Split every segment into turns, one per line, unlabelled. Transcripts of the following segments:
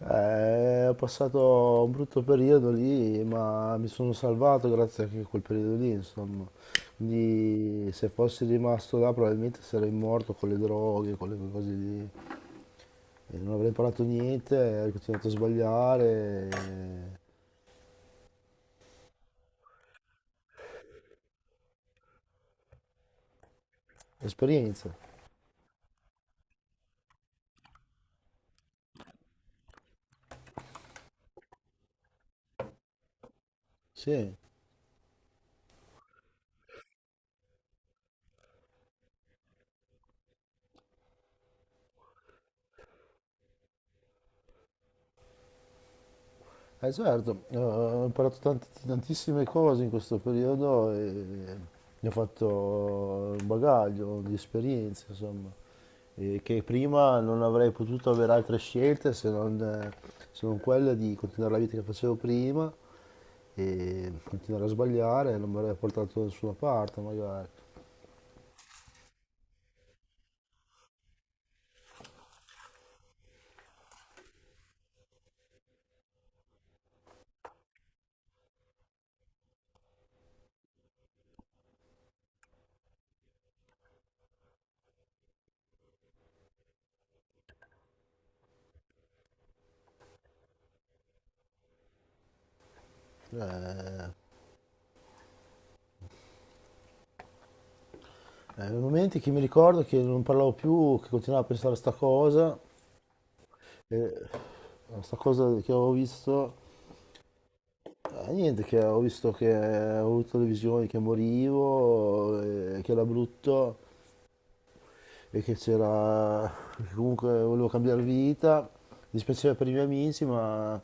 Ho passato un brutto periodo lì, ma mi sono salvato grazie anche a quel periodo lì, insomma. Quindi se fossi rimasto là probabilmente sarei morto con le droghe, con le cose lì. E non avrei imparato niente, avrei continuato a sbagliare. Esperienza, sì. Eh certo, ho imparato tantissime cose in questo periodo e ne ho fatto un bagaglio di esperienze, insomma, e che prima non avrei potuto avere altre scelte se non, se non quella di continuare la vita che facevo prima e continuare a sbagliare, non mi avrebbe portato da nessuna parte magari. Nei momenti che mi ricordo che non parlavo più, che continuavo a pensare a sta cosa, e a sta cosa che avevo visto. Niente, che ho visto che ho avuto le visioni che morivo, che era brutto e che c'era, che comunque volevo cambiare vita. Mi dispiaceva per i miei amici, ma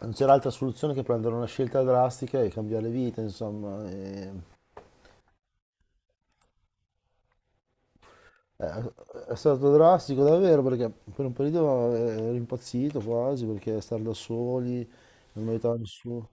non c'era altra soluzione che prendere una scelta drastica e cambiare vita, insomma. E è stato drastico davvero perché per un periodo ero impazzito quasi perché stare da soli, non mi aiutava nessuno.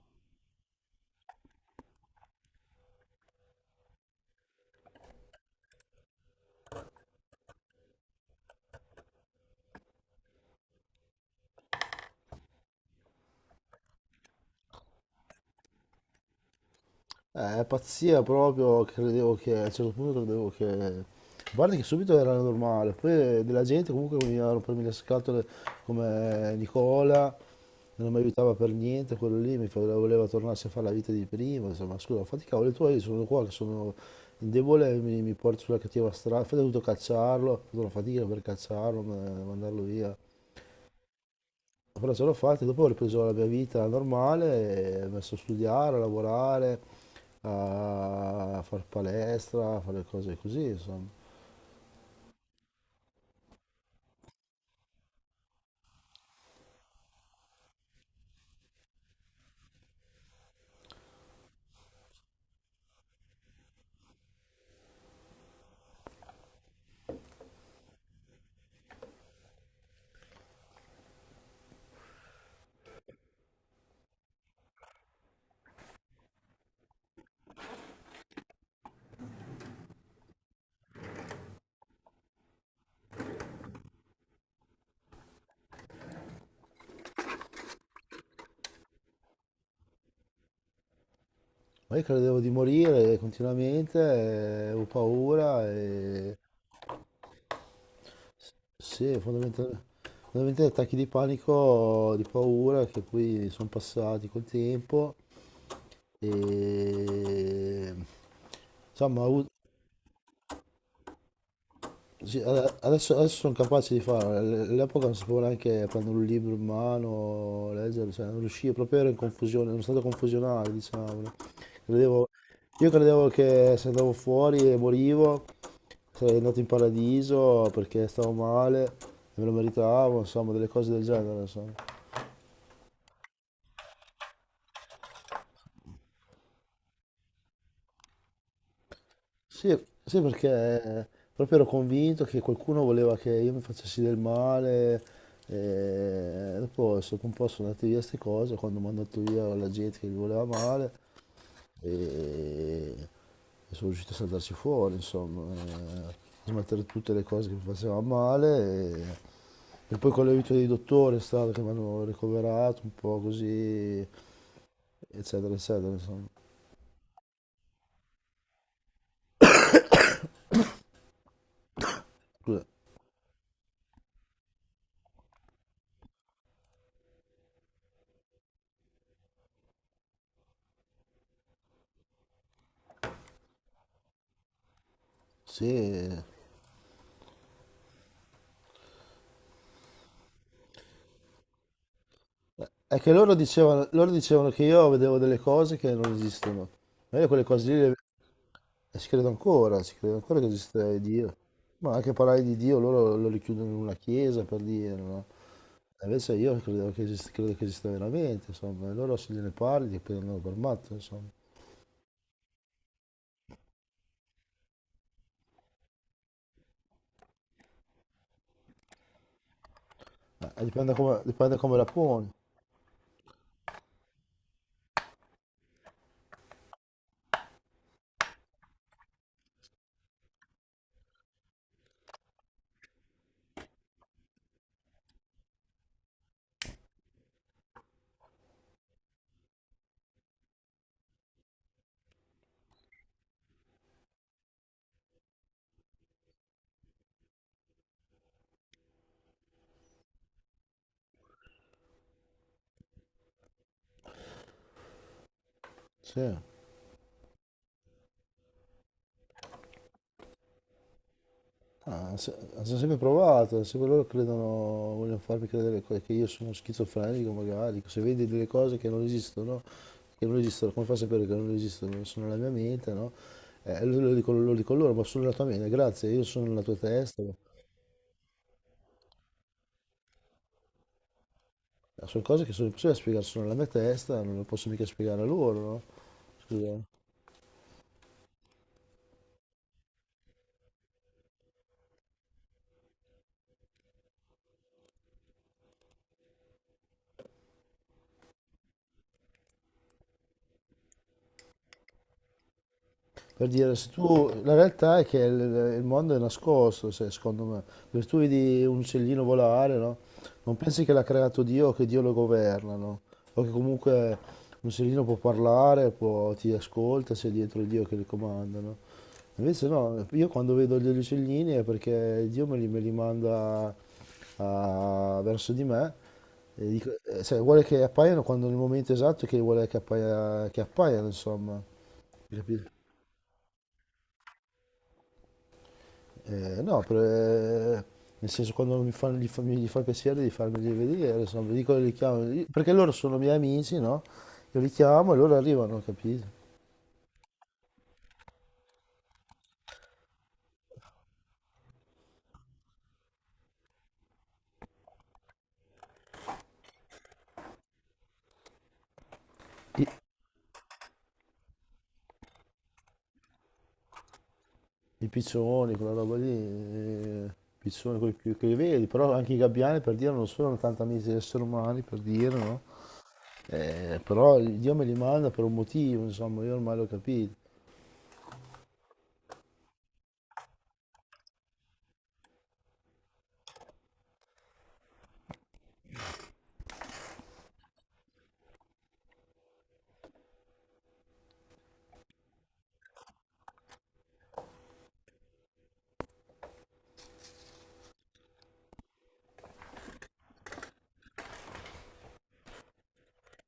Pazzia proprio, credevo che a un certo punto credevo che... Guarda che subito era normale, poi della gente comunque che veniva a rompermi le scatole come Nicola, non mi aiutava per niente, quello lì voleva tornarsi a fare la vita di prima, insomma, scusa, fatti i cavoli tuoi, io sono qua che sono indebole, mi porti sulla cattiva strada, infatti ho dovuto cacciarlo, ho fatto una fatica per cacciarlo, mandarlo via, però ce l'ho fatta, dopo ho ripreso la mia vita normale, e ho messo a studiare, a lavorare, a fare palestra, a fare cose così, insomma. Ma io credevo di morire continuamente, avevo paura e sì, fondamentalmente attacchi di panico, di paura che poi sono passati col tempo e insomma sì, adesso, adesso sono capaci di farlo. All'epoca non sapevo neanche prendere un libro in mano, leggere, cioè non riuscivo, proprio ero in confusione, in uno stato confusionale, diciamo. No? Credevo- io credevo che se andavo fuori e morivo, sarei andato in paradiso perché stavo male e me lo meritavo, insomma, delle cose del genere, insomma. Sì, sì, perché proprio ero convinto che qualcuno voleva che io mi facessi del male, e dopo un po' sono andate via queste cose, quando mi hanno mandato via la gente che mi voleva male, e, e sono riuscito a saltarci fuori, insomma, a smettere tutte le cose che mi facevano male, e poi con l'aiuto dei dottori è stato che mi hanno ricoverato un po' così, eccetera, eccetera, insomma. Scusa, sì. È che loro dicevano che io vedevo delle cose che non esistono. Ma io quelle cose lì ci credo ancora che esiste Dio. Ma anche parlare di Dio loro lo richiudono in una chiesa per dire, no? E invece io credevo che esiste, credo che esista veramente, insomma. E loro se gliene parli ti prendono per matto, insomma. Dipende come la poni. Sì. Ah, hanno sempre provato, sempre loro credono, vogliono farmi credere che io sono schizofrenico magari, se vedi delle cose che non esistono, come fa a sapere che non esistono? Sono nella mia mente, no? Lo dico loro, ma sono nella tua mente, grazie, io sono nella tua testa, ma sono cose che sono impossibili da spiegare, sono nella mia testa, non le posso mica spiegare a loro, no? Scusa. Per dire, se tu, la realtà è che il mondo è nascosto, secondo me. Per tu vedi un uccellino volare, no? Non pensi che l'ha creato Dio o che Dio lo governa, no? O che comunque un uccellino può parlare, ti ascolta, se è dietro Dio che li comanda, no? Invece no, io quando vedo degli uccellini è perché Dio me li manda verso di me, e cioè, vuole che appaiano quando nel momento esatto che vuole che che appaiano, insomma. Capito? No, nel senso quando mi fanno, gli, fa, mi- gli fa il piacere di farmeli vedere, insomma, vi dico, li chiamo, perché loro sono miei amici, no? Io li chiamo e loro arrivano, capito? I, I piccioni, quella roba lì, i piccioni quelli che li vedi, però anche i gabbiani per dire non sono tanto amici degli esseri umani, per dire, no? Però Dio me li manda per un motivo, insomma, io ormai l'ho capito.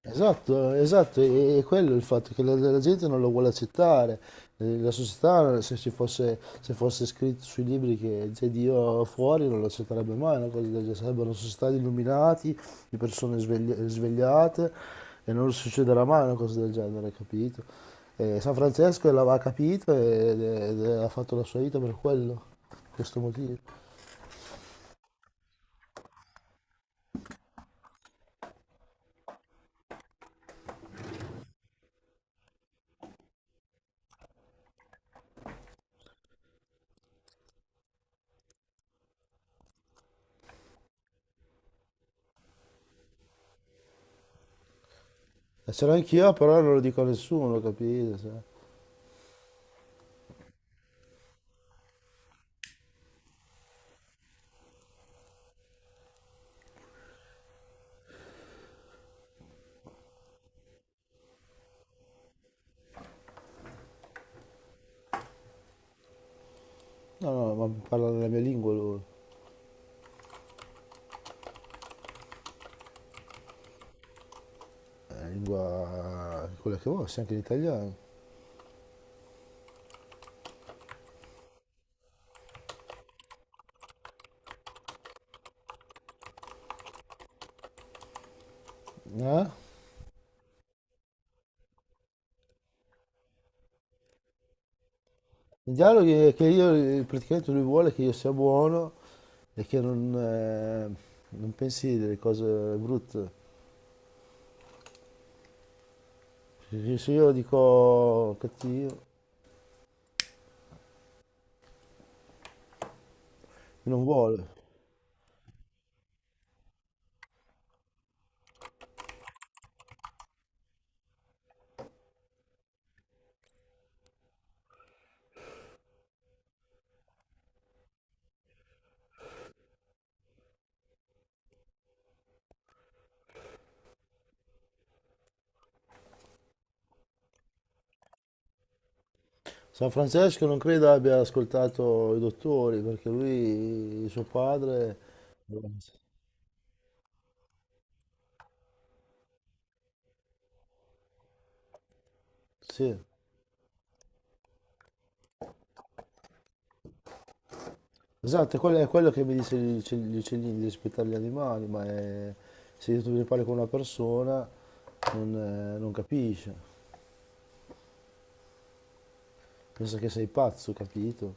Esatto, esatto, e quello è il fatto che la gente non lo vuole accettare. La società, se ci fosse, se fosse scritto sui libri che c'è Dio fuori, non lo accetterebbe mai, una cosa del genere. Sarebbero una società di illuminati, di persone svegliate, e non succederà mai una cosa del genere, capito? E San Francesco l'aveva capito ed ha fatto la sua vita per quello, per questo motivo. E ce l'ho anch'io, però non lo dico a nessuno, capito? Cioè, no, no, ma parla nella mia lingua lui. La lingua quella che vuoi, anche l'italiano. Eh? Il dialogo è che io praticamente lui vuole che io sia buono e che non, non pensi delle cose brutte. Perché se io dico cattivo, non vuole. San Francesco non credo abbia ascoltato i dottori perché lui, suo padre, sì, esatto, quello è quello che mi dice gli uccellini di rispettare gli animali, se io tu ne parli con una persona non, non capisce, pensa che sei pazzo, capito?